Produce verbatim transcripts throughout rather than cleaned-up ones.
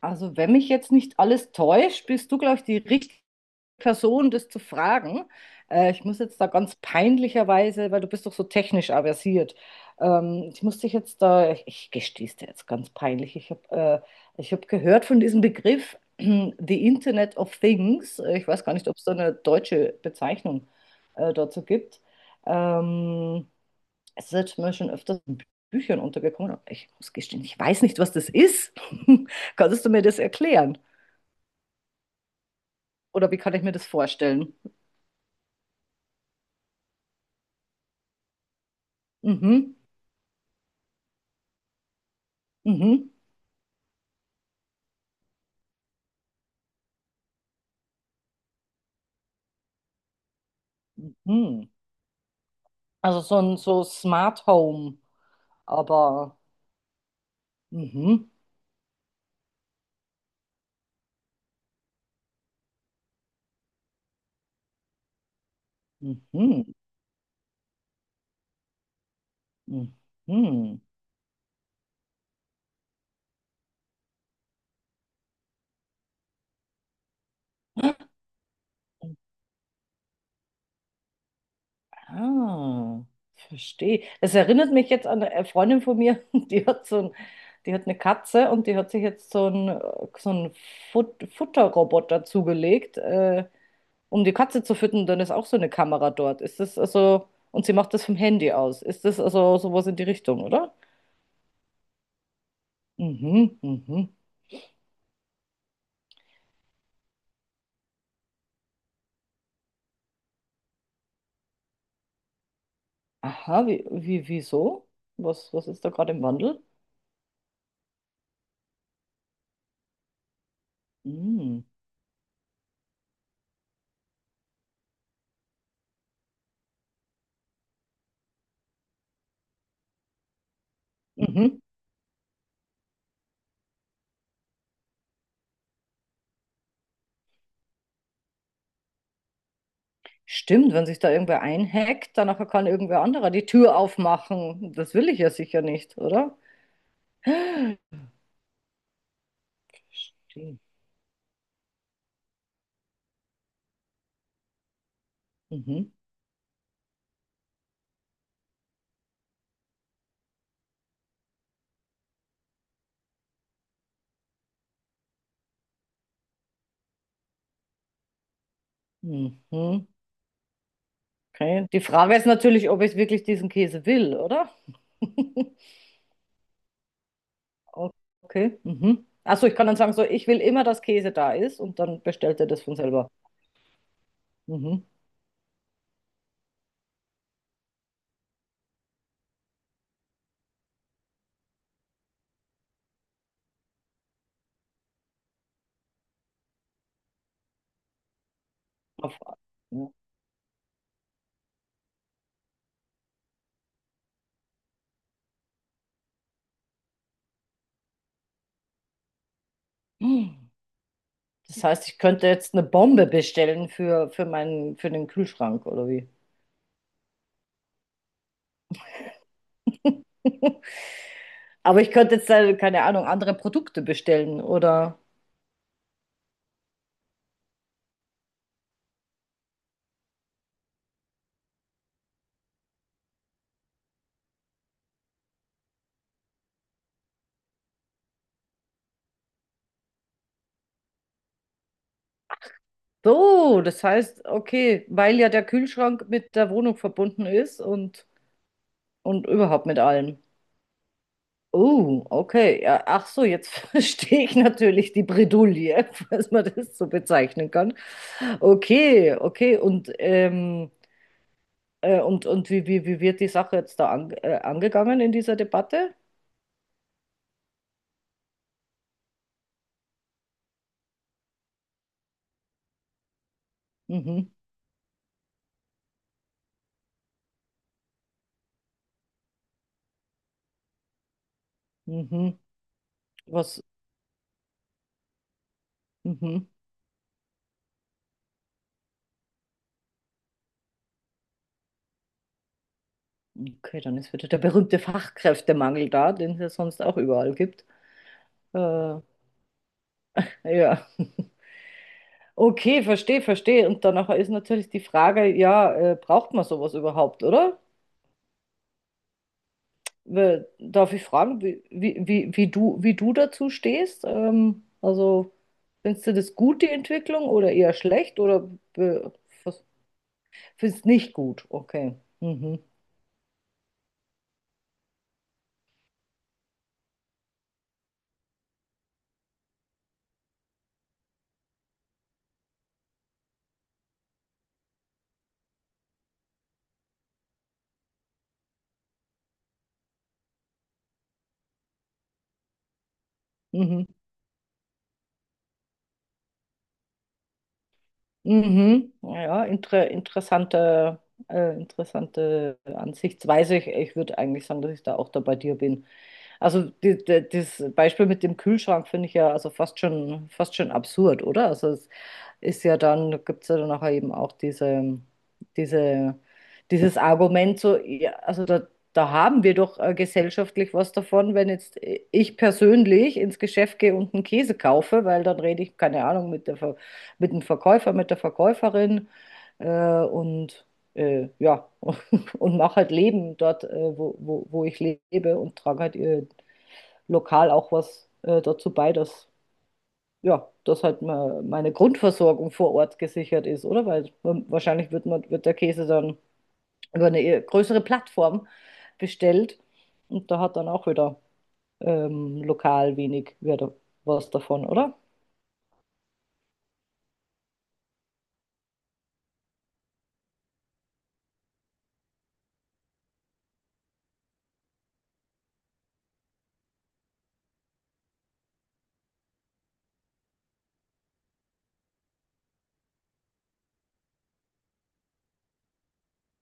Also, wenn mich jetzt nicht alles täuscht, bist du, glaube ich, die richtige Person, das zu fragen. Äh, ich muss jetzt da ganz peinlicherweise, weil du bist doch so technisch aversiert. Ähm, ich muss dich jetzt da, ich, ich gestehe es dir jetzt ganz peinlich. Ich habe äh, ich hab gehört von diesem Begriff, The Internet of Things. Äh, Ich weiß gar nicht, ob es da eine deutsche Bezeichnung äh, dazu gibt. Ähm, Es ist jetzt mir schon öfters in Bü- Büchern untergekommen, aber ich muss gestehen, ich weiß nicht, was das ist. Kannst du mir das erklären? Oder wie kann ich mir das vorstellen? Mhm, mhm, mhm. Also so ein so Smart Home, aber, mhm, mhm, mhm. Ah, verstehe. Es erinnert mich jetzt an eine Freundin von mir, die hat so ein, die hat eine Katze und die hat sich jetzt so einen, so einen Fut Futterroboter zugelegt. Äh, um die Katze zu füttern, dann ist auch so eine Kamera dort. Ist das also, und sie macht das vom Handy aus. Ist das also sowas in die Richtung, oder? Mhm, mhm. Aha, wie, wie, wieso? Was, was ist da gerade im Wandel? Mhm. Mhm. Stimmt, wenn sich da irgendwer einhackt, dann kann irgendwer anderer die Tür aufmachen. Das will ich ja sicher nicht, oder? Stimmt. Mhm. Mhm. Okay. Die Frage ist natürlich, ob ich wirklich diesen Käse will, oder? Okay. Mhm. Achso, ich kann dann sagen, so, ich will immer, dass Käse da ist und dann bestellt er das von selber. Mhm. Auf, ja. Hm. Das heißt, ich könnte jetzt eine Bombe bestellen für, für meinen, für den Kühlschrank oder wie? Aber ich könnte jetzt, äh, keine Ahnung, andere Produkte bestellen oder. So, das heißt, okay, weil ja der Kühlschrank mit der Wohnung verbunden ist und, und überhaupt mit allem. Oh, okay. Ja, ach so, jetzt verstehe ich natürlich die Bredouille, falls man das so bezeichnen kann. Okay, okay. Und, ähm, äh, und, und wie, wie, wie wird die Sache jetzt da an, äh, angegangen in dieser Debatte? Mhm, mhm. Was? Mhm. Okay, dann ist wieder der berühmte Fachkräftemangel da, den es ja sonst auch überall gibt. Äh, ja. Okay, verstehe, verstehe. Und danach ist natürlich die Frage, ja, äh, braucht man sowas überhaupt, oder? Äh, Darf ich fragen, wie, wie, wie, wie du, wie du dazu stehst? Ähm, also, findest du das gut, die Entwicklung, oder eher schlecht, oder äh, was- findest nicht gut? Okay. Mhm. Mhm. Mhm. Ja, inter, interessante, äh, interessante Ansichtsweise. Ich, ich würde eigentlich sagen, dass ich da auch da bei dir bin. Also, die, die, das Beispiel mit dem Kühlschrank finde ich ja also fast schon, fast schon absurd, oder? Also, es ist ja dann, gibt es ja dann nachher eben auch diese, diese, dieses Argument, so, ja, also da, da haben wir doch äh, gesellschaftlich was davon, wenn jetzt äh, ich persönlich ins Geschäft gehe und einen Käse kaufe, weil dann rede ich, keine Ahnung, mit der, Ver- mit dem Verkäufer, mit der Verkäuferin äh, und äh, ja, und mache halt Leben dort, äh, wo, wo, wo ich lebe und trage halt äh, lokal auch was äh, dazu bei, dass ja, dass halt me- meine Grundversorgung vor Ort gesichert ist, oder? Weil man- wahrscheinlich wird man, wird der Käse dann über eine eher größere Plattform bestellt und da hat dann auch wieder ähm, lokal wenig wieder was davon, oder?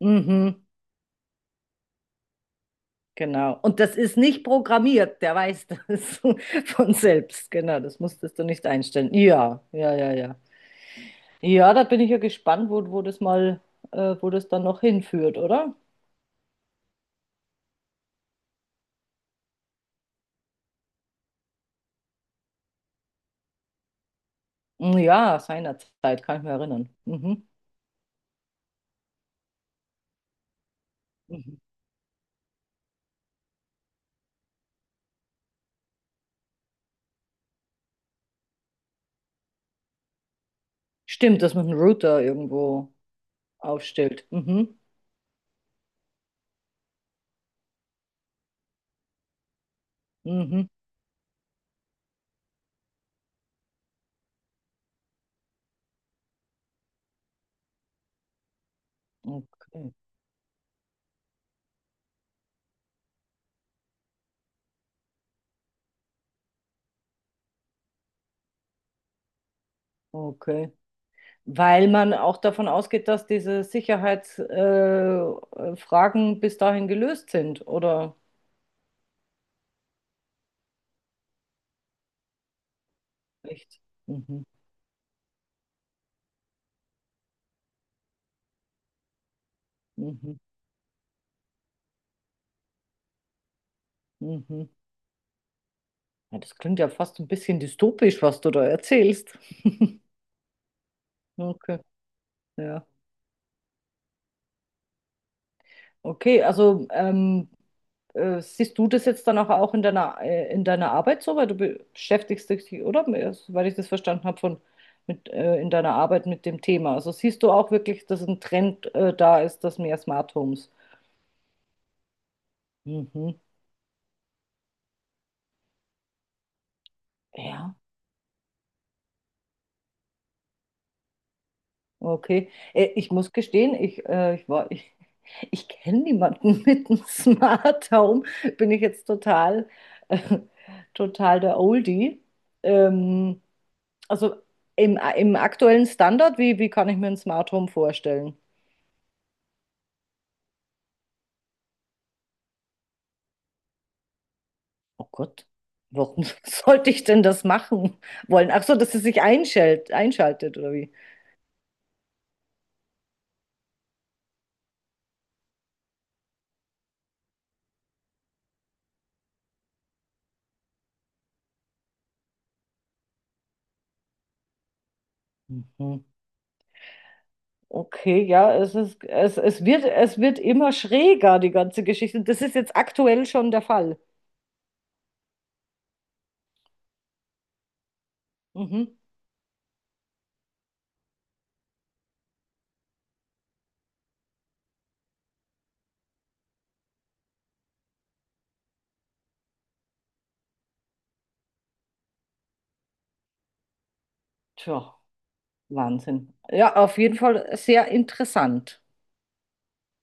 Mhm, genau. Und das ist nicht programmiert, der weiß das von selbst. Genau, das musstest du nicht einstellen. Ja, ja, ja, ja. Ja, da bin ich ja gespannt, wo, wo das mal, äh, wo das dann noch hinführt, oder? Ja, seinerzeit kann ich mich erinnern. Mhm. Mhm. Stimmt, dass man einen Router irgendwo aufstellt. Mhm. Mhm. Okay. Okay. Weil man auch davon ausgeht, dass diese Sicherheitsfragen äh, Fragen bis dahin gelöst sind, oder? Echt? Mhm. Mhm. Mhm. Ja, das klingt ja fast ein bisschen dystopisch, was du da erzählst. Okay. Ja. Okay, also ähm, Äh, siehst du das jetzt dann auch, auch in deiner, äh, in deiner Arbeit so? Weil du beschäftigst dich, oder? Weil ich das verstanden habe von mit, äh, in deiner Arbeit mit dem Thema. Also siehst du auch wirklich, dass ein Trend äh, da ist, dass mehr Smart Homes. Mhm. Ja, okay. Äh, ich muss gestehen, ich, äh, ich war, ich, ich kenne niemanden mit einem Smart Home. Bin ich jetzt total, äh, total der Oldie. Ähm, Also im, im aktuellen Standard, wie, wie kann ich mir ein Smart Home vorstellen? Oh Gott, warum sollte ich denn das machen wollen? Ach so, dass es sich einschaltet, einschaltet oder wie? Mhm. Okay, ja, es ist, es, es wird, es wird immer schräger, die ganze Geschichte. Das ist jetzt aktuell schon der Fall. Mhm. Tja, Wahnsinn. Ja, auf jeden Fall sehr interessant.